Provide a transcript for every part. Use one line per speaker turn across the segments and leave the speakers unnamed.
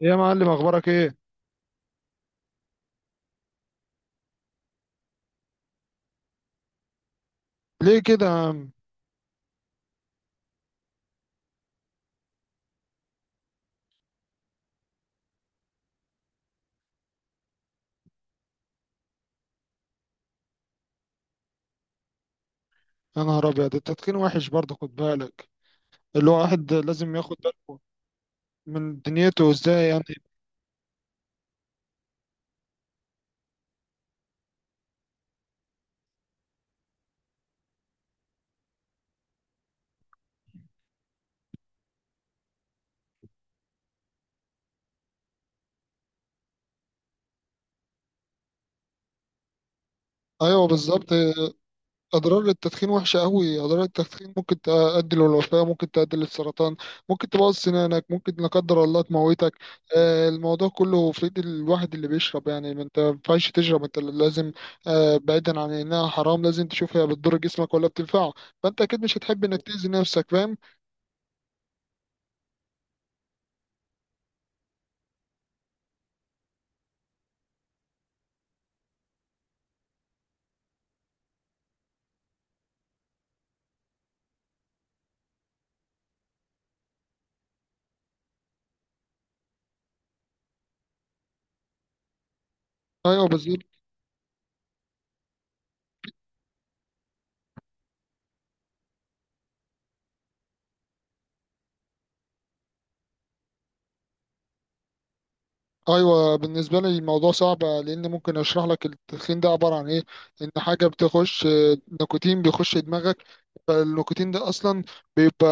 يا معلم، اخبارك ايه؟ ليه كده يا عم؟ يا نهار ابيض، التدخين وحش برضه، خد بالك. اللي هو واحد لازم ياخد باله من دنيته، ازاي يعني. ايوه بالظبط. اضرار التدخين وحشه قوي، اضرار التدخين ممكن تؤدي للوفاه، ممكن تؤدي للسرطان، ممكن تبوظ سنانك، ممكن لا قدر الله تموتك. الموضوع كله في ايد الواحد اللي بيشرب يعني، ما انت ما ينفعش تشرب، انت لازم بعيدا عن انها حرام، لازم تشوف هي بتضر جسمك ولا بتنفعه. فانت اكيد مش هتحب انك تاذي نفسك، فاهم؟ ايوه بالظبط. ايوه بالنسبه لي الموضوع صعب، لان ممكن اشرح لك التدخين ده عباره عن ايه. ان حاجه بتخش، نيكوتين بيخش دماغك. فالنيكوتين ده اصلا بيبقى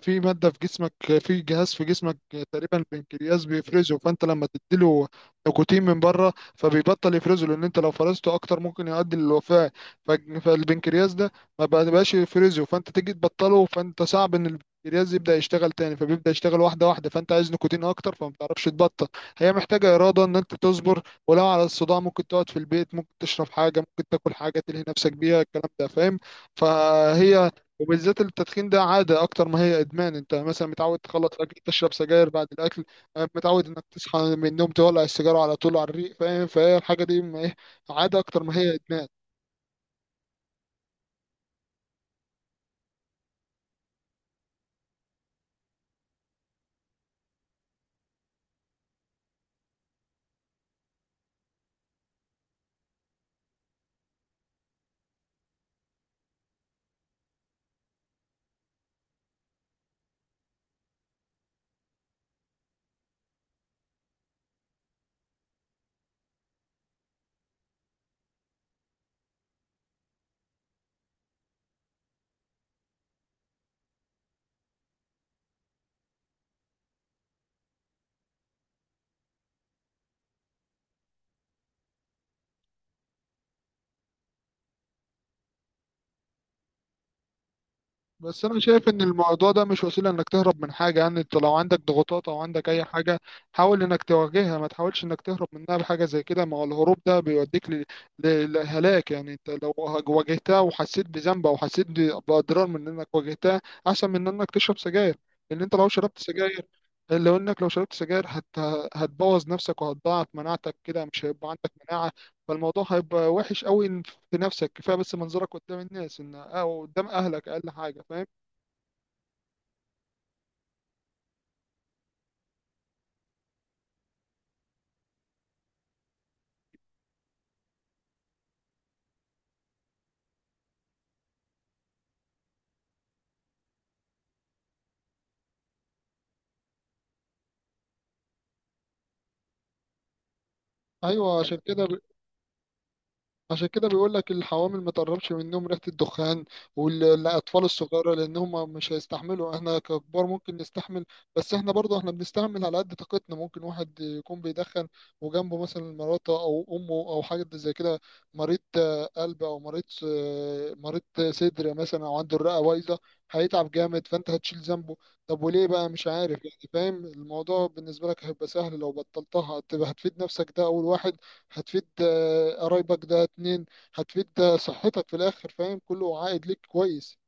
في ماده في جسمك، في جهاز في جسمك، تقريبا البنكرياس بيفرزه. فانت لما تديله نيكوتين من بره فبيبطل يفرزه، لان انت لو فرزته اكتر ممكن يؤدي للوفاه. ف- فالبنكرياس ده ما بقاش يفرزه، فانت تيجي تبطله فانت صعب ان البنكرياس يبدا يشتغل تاني، فبيبدا يشتغل واحده واحده، فانت عايز نيكوتين اكتر فما بتعرفش تبطل. هي محتاجة إرادة إن أنت تصبر، ولو على الصداع ممكن تقعد في البيت، ممكن تشرب حاجة، ممكن تاكل حاجة تلهي نفسك بيها، الكلام ده فاهم؟ فهي، وبالذات التدخين ده عادة أكتر ما هي إدمان. أنت مثلا متعود تخلص أكل تشرب سجاير بعد الأكل، متعود إنك تصحى من النوم تولع السيجارة على طول على الريق، فاهم؟ فهي الحاجة دي ما إيه، عادة أكتر ما هي إدمان. بس انا شايف ان الموضوع ده مش وسيله انك تهرب من حاجه، يعني انت لو عندك ضغوطات او عندك اي حاجه حاول انك تواجهها، ما تحاولش انك تهرب منها بحاجه زي كده. ما هو الهروب ده بيوديك للهلاك، يعني انت لو واجهتها وحسيت بذنب او حسيت باضرار من انك واجهتها، احسن من انك تشرب سجاير. لان انت لو شربت سجاير، لو انك لو شربت سجاير هت... هتبوظ نفسك وهتضاعف مناعتك كده، مش هيبقى عندك مناعه. فالموضوع هيبقى وحش قوي في نفسك، كفايه بس منظرك قدام الناس ان او قدام اهلك اقل حاجه، فاهم؟ ايوه عشان كده. عشان كده بيقول لك الحوامل ما تقربش منهم ريحة الدخان، والأطفال الصغيرة، لأن هم مش هيستحملوا. احنا ككبار ممكن نستحمل، بس احنا برضه احنا بنستحمل على قد طاقتنا. ممكن واحد يكون بيدخن وجنبه مثلا مراته أو أمه أو حاجة زي كده، مريض قلب أو مريض، صدر مثلا، أو عنده الرئة بايظة، هيتعب جامد فأنت هتشيل ذنبه. طب وليه بقى؟ مش عارف يعني. فاهم الموضوع بالنسبة لك هيبقى سهل، لو بطلتها هتبقى هتفيد نفسك، ده أول واحد. هتفيد قرايبك، ده اتنين. هتفيد صحتك في الاخر، فاهم؟ كله عائد ليك كويس.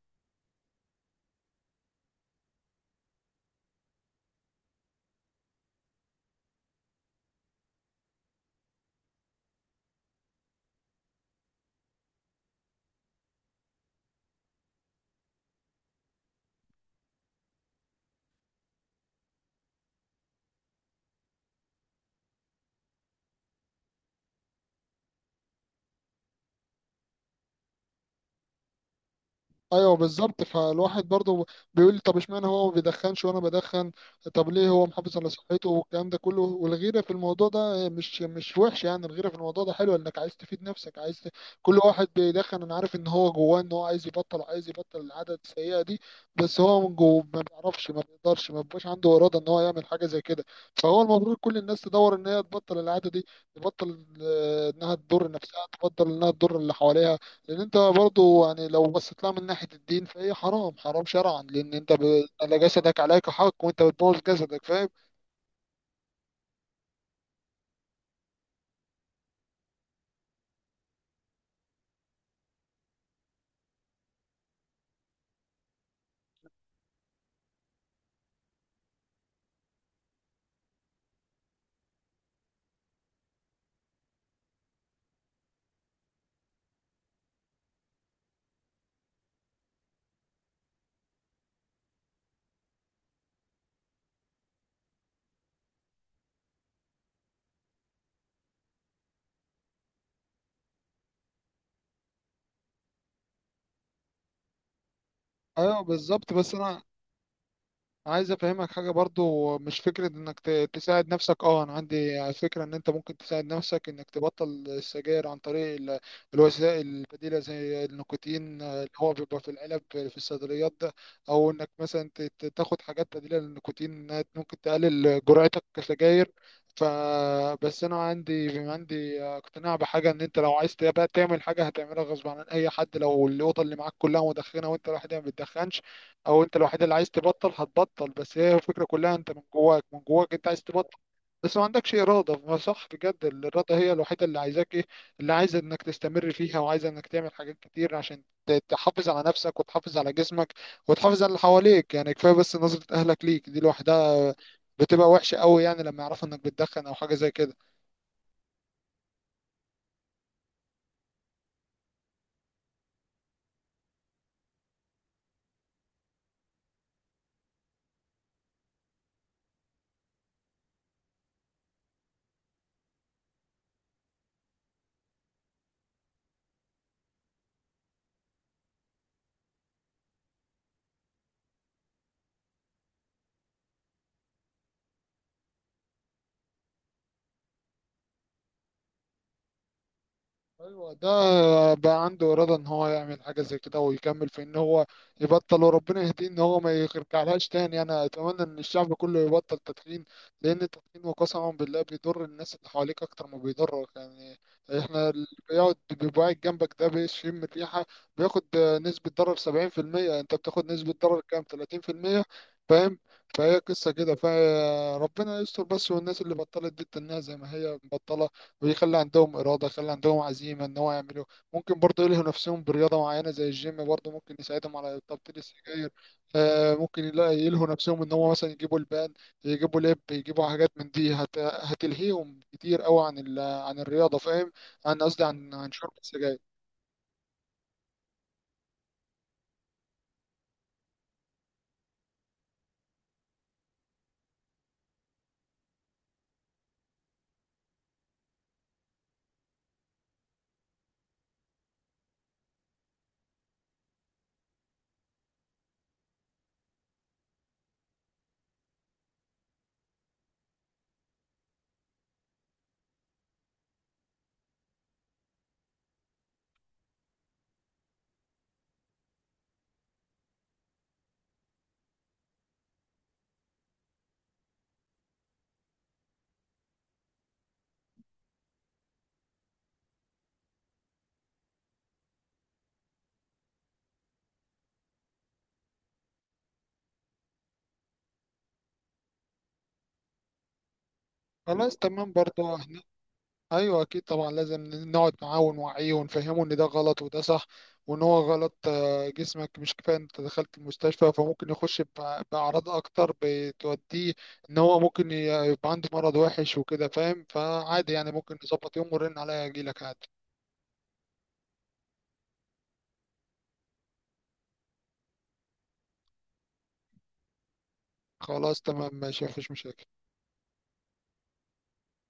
ايوه بالظبط. فالواحد برضه بيقول لي، طب اشمعنى هو ما بيدخنش وانا بدخن؟ طب ليه هو محافظ على صحته والكلام ده كله؟ والغيره في الموضوع ده مش مش وحش، يعني الغيره في الموضوع ده حلوه، انك عايز تفيد نفسك، عايز ت... كل واحد بيدخن انا عارف ان هو جواه ان هو عايز يبطل، عايز يبطل العاده السيئه دي، بس هو من جوه ما بيعرفش، ما بيقدرش، ما بيبقاش عنده اراده ان هو يعمل حاجه زي كده. فهو المفروض كل الناس تدور ان هي تبطل العاده دي، تبطل انها تضر نفسها، تبطل انها تضر اللي حواليها. لان انت برضو، يعني لو بصيت لها من ناحيه الدين فهي حرام، حرام شرعا، لان انت ب... على جسدك عليك حق، وانت بتبوظ جسدك، فاهم؟ ايوه بالظبط. بس انا عايز افهمك حاجه برضو، مش فكره انك تساعد نفسك. اه انا عندي فكره ان انت ممكن تساعد نفسك انك تبطل السجاير عن طريق الوسائل البديله زي النيكوتين، اللي هو بيبقى في العلب في الصيدليات ده، او انك مثلا تاخد حاجات بديله للنيكوتين، إنها ممكن تقلل جرعتك كسجاير. ف، بس انا عندي اقتناع بحاجه، ان انت لو عايز تبقى تعمل حاجه هتعملها غصب عن اي حد. لو الاوضه اللي معاك كلها مدخنه وانت لوحدها ما بتدخنش، او انت الوحيد اللي عايز تبطل، هتبطل. بس هي الفكره كلها انت من جواك انت عايز تبطل، بس ما عندكش اراده. ما صح بجد، الاراده هي الوحيده اللي عايزاك ايه، اللي عايزه انك تستمر فيها، وعايزه انك تعمل حاجات كتير عشان تحافظ على نفسك، وتحافظ على جسمك، وتحافظ على اللي حواليك. يعني كفايه بس نظره اهلك ليك دي لوحدها بتبقى وحشه قوي، يعني لما يعرفوا انك بتدخن او حاجه زي كده. ايوه ده بقى عنده اراده ان هو يعمل حاجه زي كده، ويكمل في ان هو يبطل. وربنا يهديه ان هو ما يرجعلهاش تاني. انا اتمنى ان الشعب كله يبطل تدخين، لان التدخين وقسما بالله بيضر الناس اللي حواليك اكتر ما بيضرك. يعني احنا اللي بيقعد بيبقى قاعد جنبك ده بيشم الريحه، بياخد نسبه ضرر 70%، انت بتاخد نسبه ضرر كام؟ 30%. فاهم؟ فهي قصه كده، فربنا يستر بس، والناس اللي بطلت دي تنها زي ما هي مبطله، ويخلي عندهم إرادة، يخلي عندهم عزيمة إن هو يعملوا. ممكن برضه يلهوا نفسهم برياضة معينة زي الجيم، برضه ممكن يساعدهم على تبطيل السجاير. ممكن يلهوا نفسهم إن هو مثلا يجيبوا البان، يجيبوا لب، يجيبوا حاجات من دي، هتلهيهم كتير أوي عن ال... عن الرياضة، فاهم؟ عن قصدي عن عن شرب السجاير. خلاص تمام برضه. ايوه اكيد طبعا، لازم نقعد معاه ونوعيه ونفهمه ان ده غلط وده صح، وان هو غلط. جسمك مش كفايه انت دخلت المستشفى، فممكن يخش باعراض اكتر بتوديه، ان هو ممكن يبقى عنده مرض وحش وكده، فاهم؟ فعادي يعني، ممكن نظبط يوم ونرن عليا اجيلك عادي. خلاص تمام ماشي، مفيش مشاكل.